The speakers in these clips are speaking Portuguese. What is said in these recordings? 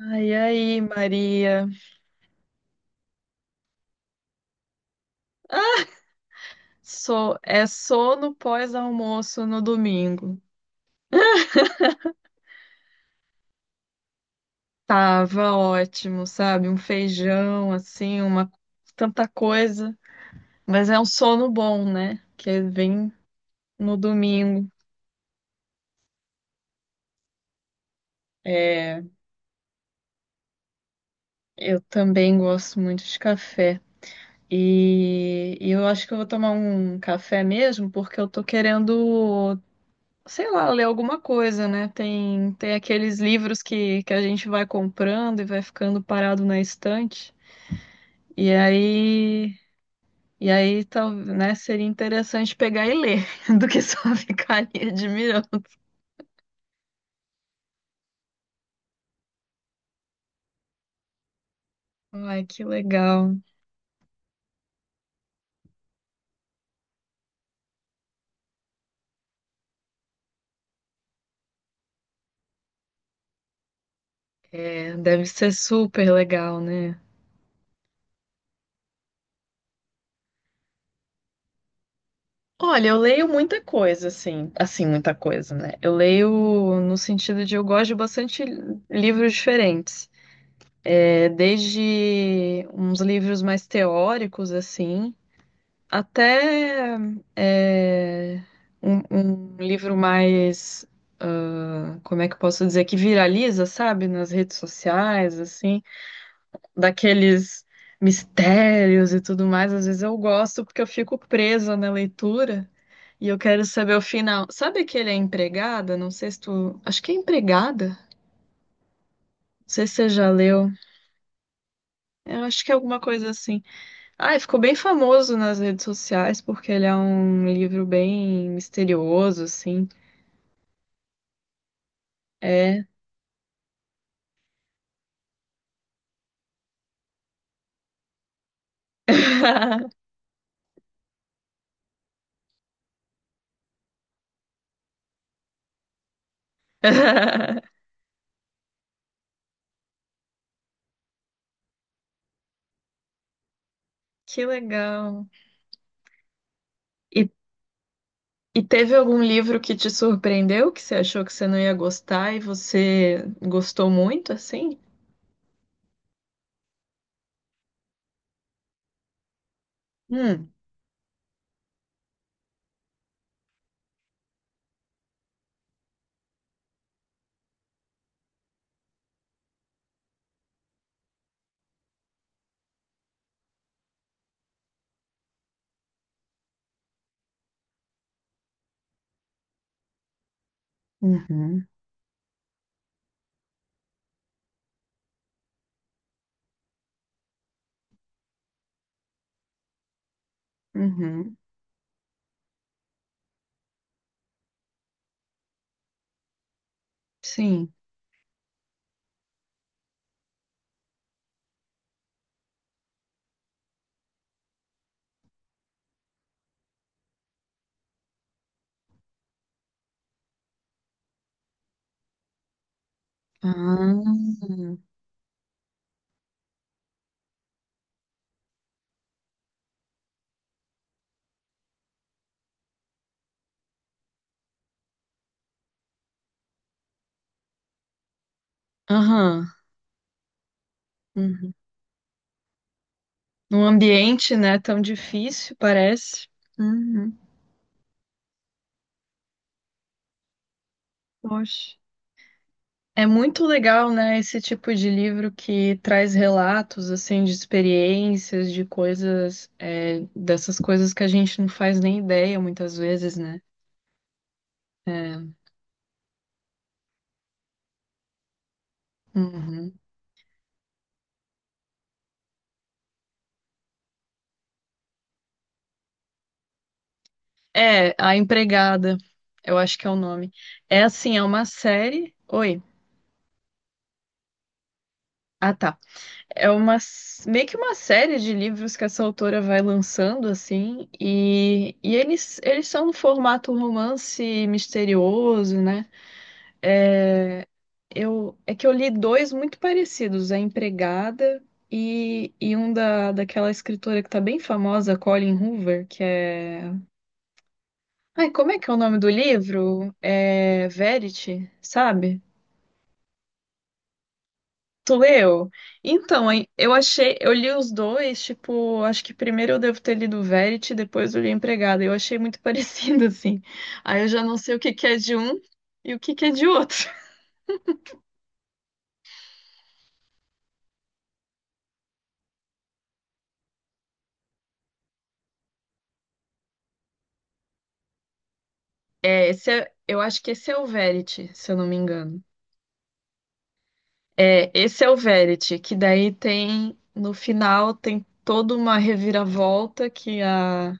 Ai, aí, Maria. So, é sono pós-almoço no domingo. Tava ótimo, sabe? Um feijão, assim, uma tanta coisa. Mas é um sono bom, né? Que vem no domingo. É, eu também gosto muito de café. E eu acho que eu vou tomar um café mesmo, porque eu tô querendo sei lá, ler alguma coisa, né? Tem aqueles livros que a gente vai comprando e vai ficando parado na estante. E aí, e aí tal, né, seria interessante pegar e ler, do que só ficar ali admirando. Ai, que legal. É, deve ser super legal, né? Olha, eu leio muita coisa, assim, muita coisa, né? Eu leio no sentido de eu gosto de bastante livros diferentes. É, desde uns livros mais teóricos, assim, até é, um livro mais, ah, como é que eu posso dizer, que viraliza, sabe, nas redes sociais, assim, daqueles mistérios e tudo mais. Às vezes eu gosto porque eu fico presa na leitura e eu quero saber o final. Sabe aquele É Empregada? Não sei se tu... Acho que é Empregada. Não sei se você já leu. Eu acho que é alguma coisa assim. Ah, e ficou bem famoso nas redes sociais porque ele é um livro bem misterioso, assim. É. Que legal. E, e teve algum livro que te surpreendeu, que você achou que você não ia gostar e você gostou muito, assim? Hum. Uhum. Uhum. Sim. Ah. Aham. Uhum. Num ambiente, né, tão difícil, parece. Uhum. Poxa. É muito legal, né, esse tipo de livro que traz relatos, assim, de experiências, de coisas, é, dessas coisas que a gente não faz nem ideia muitas vezes, né? É, uhum. É, A Empregada, eu acho que é o nome. É assim, é uma série. Oi. Ah, tá. É uma meio que uma série de livros que essa autora vai lançando assim, e eles são no formato romance misterioso, né? É, eu, é que eu li dois muito parecidos, A Empregada e um daquela escritora que tá bem famosa, Colleen Hoover, que é... Ai, como é que é o nome do livro? É Verity, sabe? Tu leu? Então, aí, eu achei, eu li os dois, tipo, acho que primeiro eu devo ter lido Verity, depois eu li Empregada. Eu achei muito parecido, assim. Aí eu já não sei o que que é de um e o que que é de outro. É, eu acho que esse é o Verity, se eu não me engano. É, esse é o Verity, que daí tem, no final, tem toda uma reviravolta que a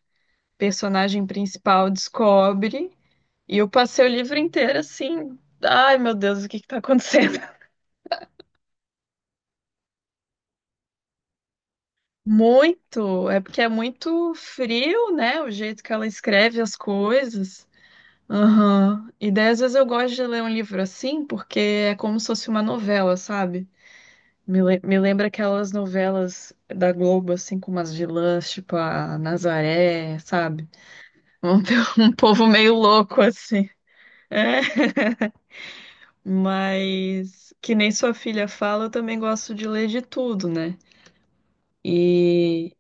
personagem principal descobre. E eu passei o livro inteiro assim, ai meu Deus, o que que tá acontecendo? Muito, é porque é muito frio, né, o jeito que ela escreve as coisas. Aham. E daí às vezes eu gosto de ler um livro assim, porque é como se fosse uma novela, sabe? Me lembra aquelas novelas da Globo, assim, com umas vilãs, tipo a Nazaré, sabe? Um, um povo meio louco, assim. É. Mas, que nem sua filha fala, eu também gosto de ler de tudo, né? E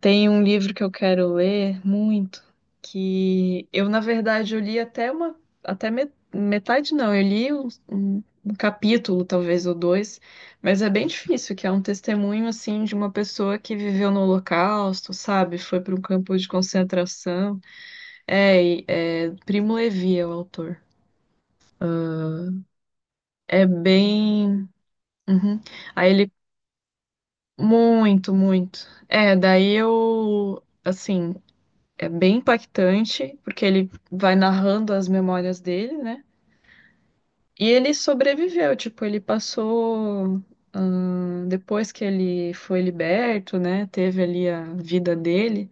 tem um livro que eu quero ler muito, que eu, na verdade, eu li até uma, até me- metade não, eu li um, um capítulo, talvez, ou dois, mas é bem difícil, que é um testemunho, assim, de uma pessoa que viveu no Holocausto, sabe? Foi para um campo de concentração. É, é Primo Levi é o autor. É bem... Uhum. Aí ele... Muito, muito. É, daí eu... Assim, é bem impactante, porque ele vai narrando as memórias dele, né? E ele sobreviveu, tipo, ele passou. Hum, depois que ele foi liberto, né? Teve ali a vida dele.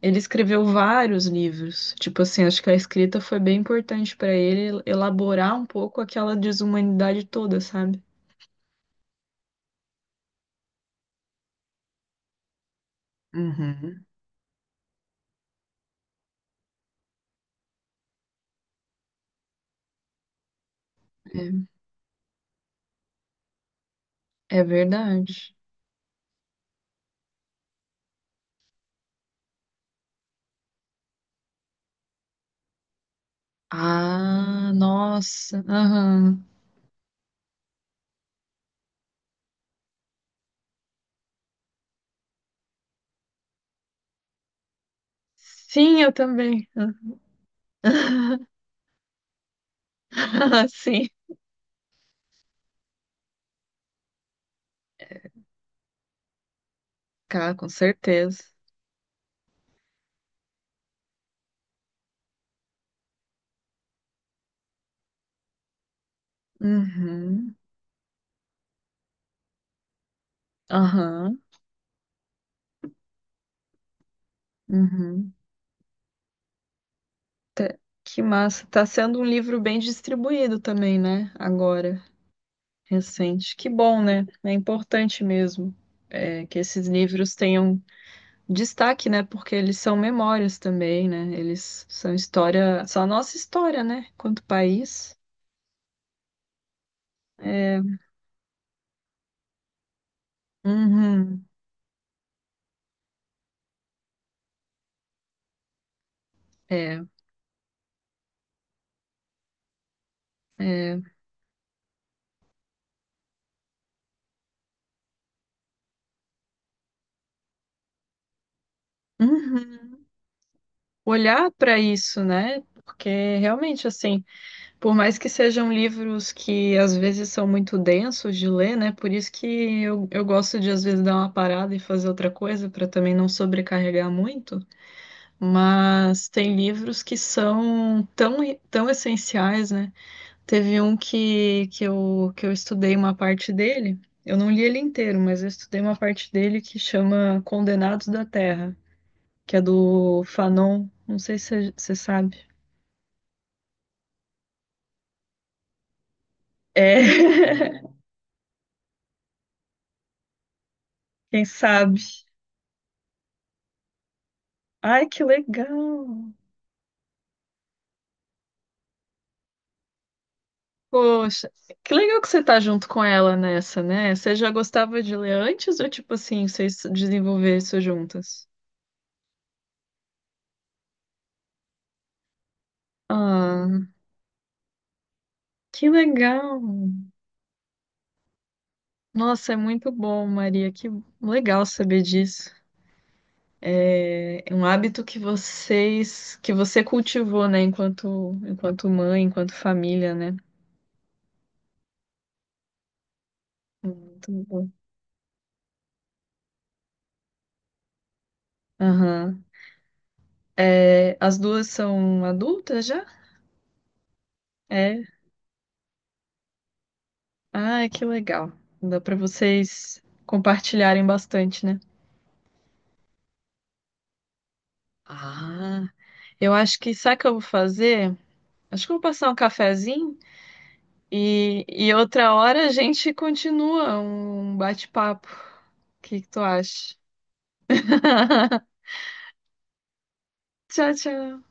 Ele escreveu vários livros. Tipo assim, acho que a escrita foi bem importante para ele elaborar um pouco aquela desumanidade toda, sabe? Uhum. É verdade. Ah, nossa. Aham. Sim, eu também. Sim. Cara, com certeza. Uhum. Aham. Uhum. Tá- que massa. Tá sendo um livro bem distribuído também, né? Agora, recente. Que bom, né? É importante mesmo, é, que esses livros tenham destaque, né? Porque eles são memórias também, né? Eles são história, são a nossa história, né? Quanto país. É. Uhum. É, é. Uhum. Olhar para isso, né? Porque realmente, assim. Por mais que sejam livros que às vezes são muito densos de ler, né? Por isso que eu gosto de às vezes dar uma parada e fazer outra coisa para também não sobrecarregar muito. Mas tem livros que são tão, tão essenciais, né? Teve um que eu estudei uma parte dele. Eu não li ele inteiro, mas eu estudei uma parte dele que chama Condenados da Terra, que é do Fanon. Não sei se você sabe. É, quem sabe. Ai, que legal! Poxa, que legal que você tá junto com ela nessa, né? Você já gostava de ler antes ou tipo assim, vocês desenvolveram isso juntas? Ah, que legal! Nossa, é muito bom, Maria. Que legal saber disso. É um hábito que vocês, que você cultivou, né? Enquanto mãe, enquanto família, né? Muito bom. Aham. É, as duas são adultas já? É. Ah, que legal. Dá para vocês compartilharem bastante, né? Ah, eu acho que sabe o que eu vou fazer? Acho que eu vou passar um cafezinho e outra hora a gente continua um bate-papo. O que que tu acha? Tchau, tchau.